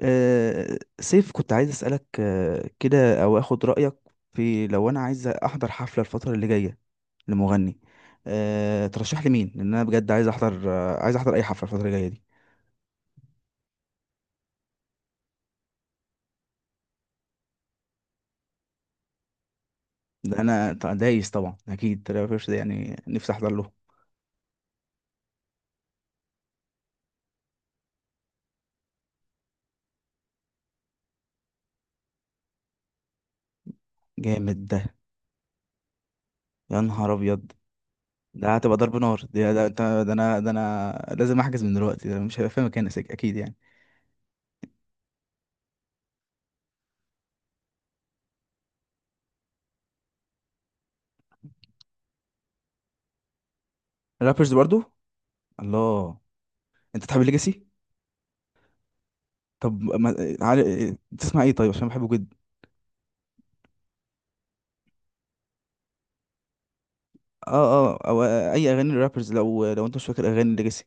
سيف، كنت عايز أسألك كده، أو أخد رأيك في لو أنا عايز أحضر حفلة الفترة اللي جاية لمغني. ترشح لي مين؟ لأن أنا بجد عايز أحضر عايز أحضر أي حفلة الفترة اللي جاية دي. دايس طبعا، أكيد ترافيس سكوت ده يعني نفسي أحضر له. جامد ده. يا نهار أبيض! ده هتبقى ضرب نار. ده أنا لازم أحجز من دلوقتي، ده مش هيبقى في مكان أكيد يعني. رابرز برضو. الله! أنت تحب الليجاسي؟ طب ما... آه، عارف- آه، تسمع إيه طيب؟ عشان بحبه جدا. اه اه او اي اغاني الرابرز، لو انت مش فاكر اغاني ليجاسي.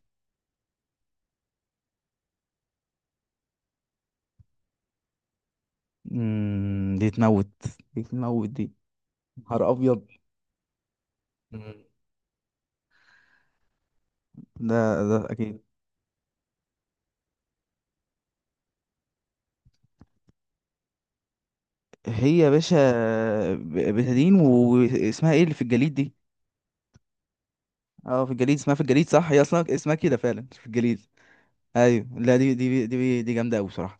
دي تموت. دي تموت دي. نهار ابيض. مم. ده، اكيد. هي يا باشا. ب- بتدين، واسمها ايه اللي في الجليد دي؟ اه، في الجليد اسمها في الجليد، صح. هي اصلا اسمها كده فعلا، في الجليد. ايوه. لا، دي جامده قوي بصراحه.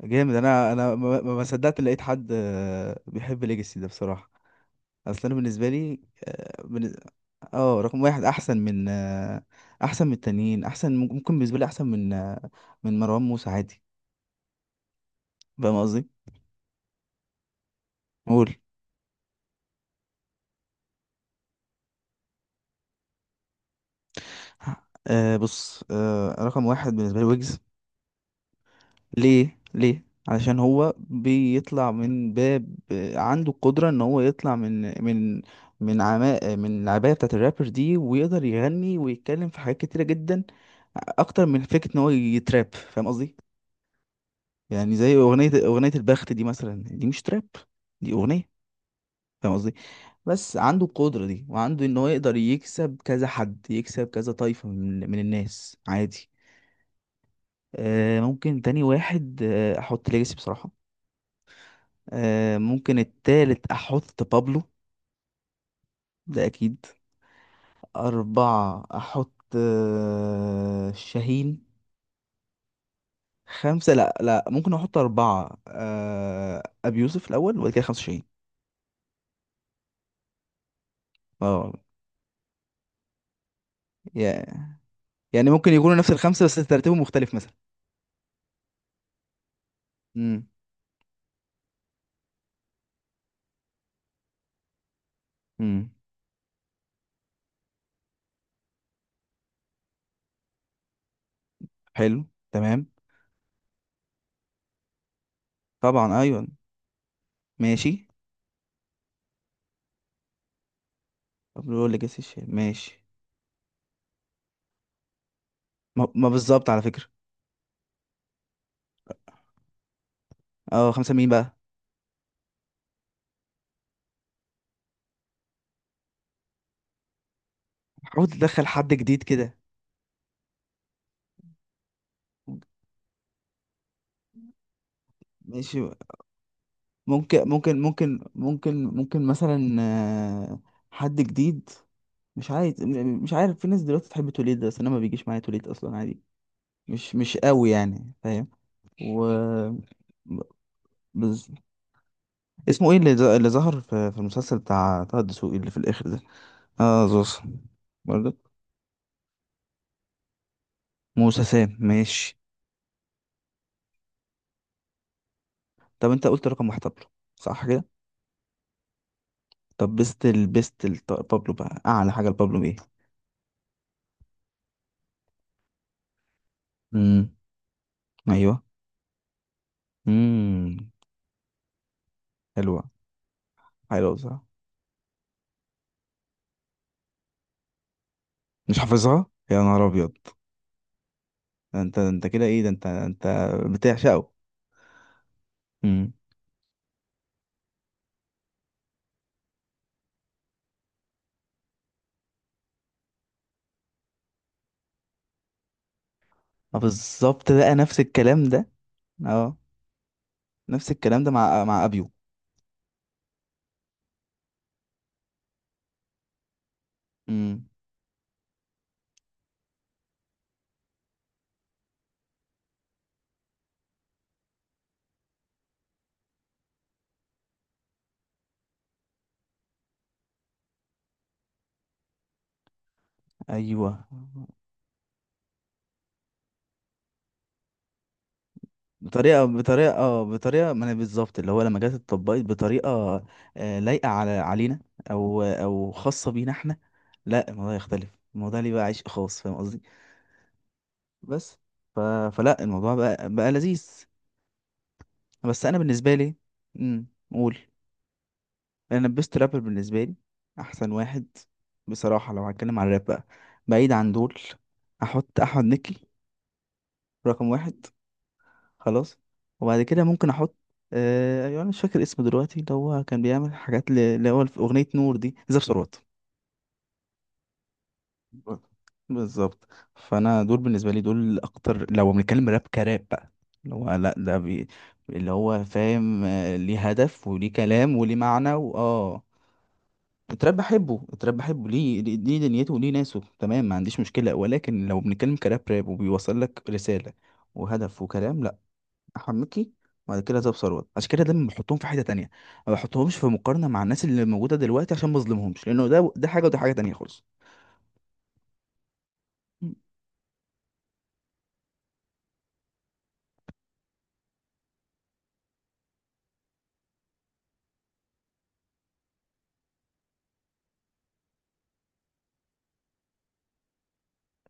جامد. انا ما صدقت إن لقيت حد بيحب ليجاسي ده، بصراحه. اصل انا بالنسبه لي. اه، رقم واحد احسن من احسن من التانيين. احسن، ممكن بالنسبه لي، احسن من من مروان موسى عادي. فاهم قصدي؟ قول. أه، بص. أه، رقم واحد بالنسبه لي ويجز. ليه؟ ليه؟ علشان هو بيطلع من باب عنده القدره ان هو يطلع من من عماء، من العبايه بتاعه الرابر دي، ويقدر يغني ويتكلم في حاجات كتيره جدا، اكتر من فكره ان هو يتراب، فاهم قصدي؟ يعني زي اغنيه البخت دي مثلا، دي مش تراب. دي اغنيه، فاهم قصدي؟ بس عنده القدرة دي، وعنده ان هو يقدر يكسب كذا حد، يكسب كذا طايفة من الناس عادي. آه، ممكن تاني واحد احط ليجاسي بصراحة. آه، ممكن التالت احط بابلو، ده اكيد. اربعة، احط شاهين. خمسة. لا لا، ممكن احط اربعة ابي يوسف الاول، وبعد كده خمسة شاهين. اه. يا- يعني ممكن يكونوا نفس الخمسة بس ترتيبهم مختلف مثلا. امم امم حلو، تمام. طبعا ايوه. ماشي. طب، لو ليجاسي الشاي ماشي. ما بالظبط، على فكره. اه، خمسه مين بقى؟ حاول تدخل حد جديد كده. ماشي. ممكن مثلا، آه، حد جديد. مش عايز مش عارف. في ناس دلوقتي تحب توليد، بس انا ما بيجيش معايا توليد اصلا عادي. مش قوي يعني، فاهم؟ و بز... اسمه ايه اللي، اللي ظهر في المسلسل بتاع طه الدسوقي اللي في الاخر ده؟ اه، زوز. برضه. موسى سام، ماشي. طب انت قلت رقم واحد بابلو، صح كده. طب، طب بابلو بقى، اعلى حاجه لبابلو ايه؟ امم ايوه امم حلوه. حلوه بصراحه. مش حافظها يا نهار ابيض! ده انت كده؟ ايه ده انت بتعشقه؟ امم. اه، بالظبط، بقى نفس الكلام ده. اه، نفس الكلام ده مع ابيو. امم. ايوه. بطريقه اه، بطريقه ما. انا بالظبط، اللي هو لما جت اتطبقت بطريقه لايقه علينا، او خاصه بينا احنا. لا، الموضوع يختلف. الموضوع ليه بقى عشق خاص، فاهم قصدي؟ بس ف... فلا، الموضوع بقى لذيذ. بس انا بالنسبه لي. امم قول. انا البيست رابر بالنسبه لي، احسن واحد، بصراحه. لو هتكلم على الراب بقى، بعيد عن دول، احط احمد مكي رقم واحد. خلاص. وبعد كده ممكن احط ايوه، انا مش فاكر اسمه دلوقتي، اللي هو كان بيعمل حاجات اللي هو في اغنيه نور دي، زاب ثروت. ب- بالظبط. فانا دول بالنسبه لي، دول اكتر، لو بنتكلم راب كراب بقى. اللي هو لا، اللي هو فاهم، ليه هدف وليه كلام وليه معنى واه. التراب بحبه، ليه ليه دنيته وليه ناسه، تمام، ما عنديش مشكله. ولكن لو بنتكلم كراب راب، وبيوصل لك رساله وهدف وكلام، لا. حنوكي. وبعد كده زاب ثروت. عشان كده دايما بحطهم في حته تانية، ما بحطهمش في مقارنه مع الناس اللي موجوده دلوقتي، عشان ما اظلمهمش، لانه ده حاجه، وده حاجه تانية خالص.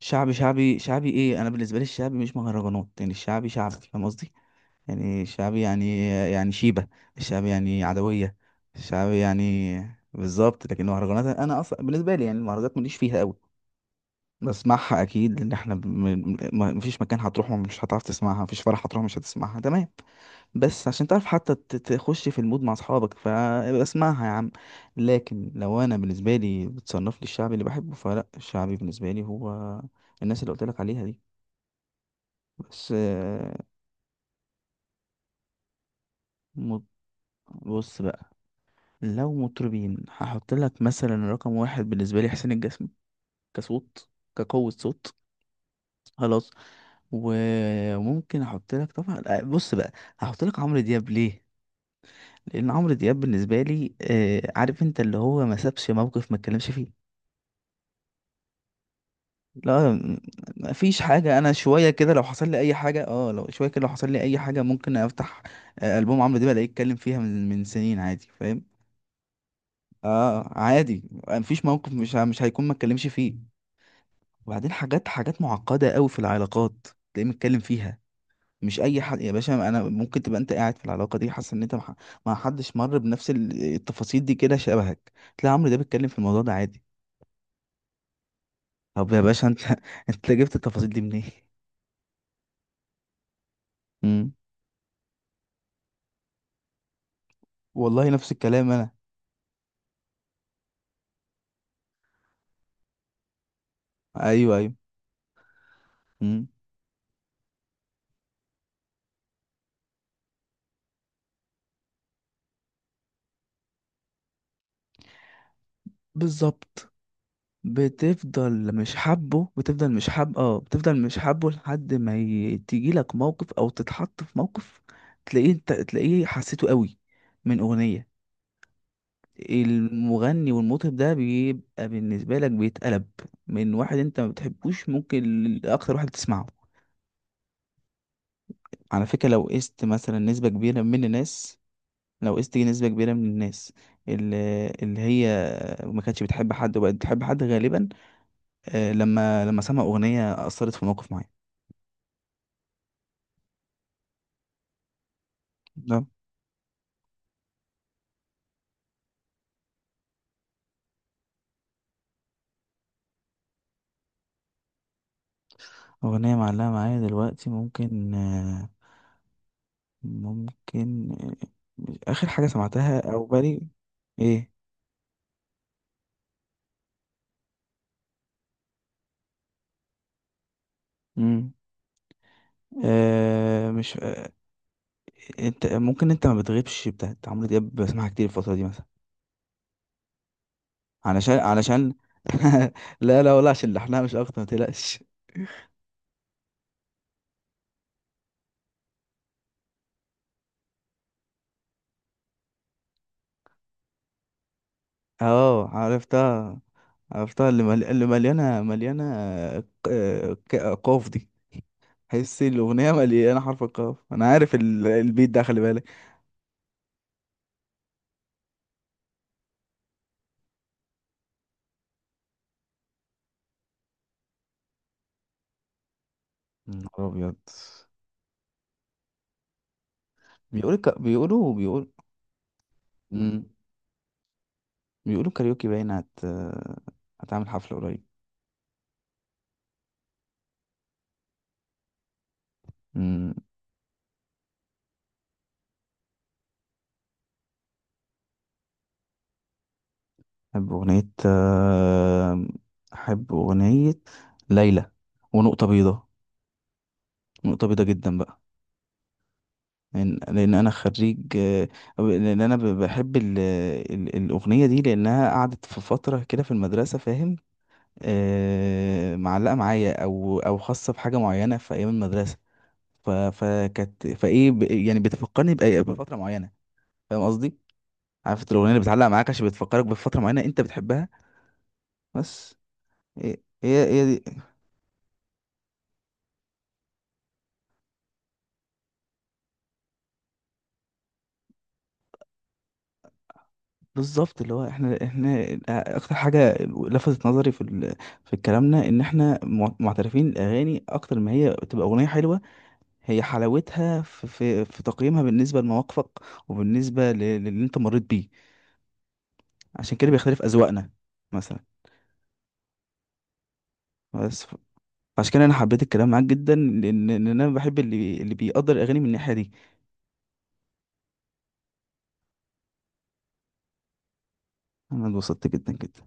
شعبي ايه انا بالنسبه لي؟ الشعبي مش مهرجانات، يعني الشعبي شعبي، فاهم قصدي؟ يعني الشعبي يعني شيبه. الشعبي يعني عدويه. الشعبي يعني بالظبط. لكن المهرجانات، انا اصلا بالنسبه لي، يعني المهرجانات ماليش فيها قوي. بسمعها اكيد، لان احنا مفيش مكان هتروح مش هتعرف تسمعها، مفيش فرح هتروح مش هتسمعها، تمام. بس عشان تعرف حتى تخش في المود مع اصحابك، فاسمعها يا عم. لكن لو انا بالنسبه لي بتصنف لي الشعبي اللي بحبه، فلا، الشعبي بالنسبه لي هو الناس اللي قلت لك عليها دي. بس. مط- بص بقى، لو مطربين هحط لك مثلا رقم واحد بالنسبه لي حسين الجسمي، كصوت، كقوة صوت. خلاص. وممكن احط لك طبعا بص بقى، هحط لك عمرو دياب ليه. لان عمرو دياب بالنسبه لي عارف انت، اللي هو ما سابش موقف ما اتكلمش فيه. لا، ما فيش حاجة. أنا شوية كده، لو حصل لي أي حاجة اه، لو شوية كده لو حصل لي أي حاجة، ممكن أفتح ألبوم عمرو دياب، ألاقيه اتكلم فيها من سنين عادي، فاهم؟ اه، عادي. مفيش موقف مش مش هيكون ما اتكلمش فيه. وبعدين، حاجات معقدة قوي في العلاقات، تلاقيه متكلم فيها. مش أي حد يا باشا. أنا ممكن تبقى أنت قاعد في العلاقة دي حاسس إن أنت ما حدش مر بنفس التفاصيل دي كده شبهك، تلاقي عمرو دياب بيتكلم في الموضوع ده عادي. طب يا باشا أنت! أنت جبت التفاصيل دي منين؟ مم. والله نفس الكلام أنا. ايوه، ايوه. مم. بالظبط. بتفضل مش حابه بتفضل مش حاب اه بتفضل مش حابه لحد ما تيجي لك موقف، او تتحط في موقف، تلاقيه، انت تلاقيه حسيته قوي من اغنية. المغني والمطرب ده بيبقى بالنسبة لك بيتقلب، من واحد انت ما بتحبوش ممكن لاكتر واحد بتسمعه. على فكرة، لو قست مثلا نسبة كبيرة من الناس، لو قست نسبة كبيرة من الناس اللي هي ما كانتش بتحب حد وبقت بتحب حد، غالبا لما سمع أغنية أثرت في موقف معين. تمام. أغنية معلقة معايا دلوقتي، ممكن ممكن آخر حاجة سمعتها أو بالي. إيه. مم. مش. انت ممكن، انت ما بتغيبش بتاعت عمرو دياب، بسمعها كتير الفترة دي مثلا. علشان. لا لا، ولا عشان لحنها مش اكتر، ما تقلقش. اه، عرفتها. عرفتها، اللي اللي مليانة قاف دي. حسي الاغنيه مليانه حرف القاف. انا عارف البيت ده، خلي بالك. يا نهار ابيض. بيقول. مم. بيقولوا كاريوكي باين هتعمل حفله قريب. مم. احب اغنيه آه، احب اغنيه ليلى ونقطه بيضاء. نقطه بيضاء جدا بقى. لأن انا خريج بحب الاغنيه دي، لانها قعدت في فتره كده في المدرسه، فاهم؟ معلقة معايا، او خاصة بحاجة معينة في ايام المدرسة. فكانت يعني بتفكرني بفترة معينة. فاهم قصدي؟ عارف انت الاغنية اللي بتعلق معاك عشان بتفكرك بفترة معينة انت بتحبها. بس هي هي دي. بالظبط، اللي هو احنا اكتر حاجة لفتت نظري في كلامنا، ان احنا معترفين الاغاني اكتر ما هي تبقى اغنية حلوة، هي حلاوتها في في تقييمها بالنسبة لمواقفك، وبالنسبة للي انت مريت بيه. عشان كده بيختلف أذواقنا مثلا. بس ف- عشان كده أنا حبيت الكلام معاك جدا، لأن أنا بحب اللي بيقدر الأغاني من الناحية دي. أنا اتبسطت جدا جدا.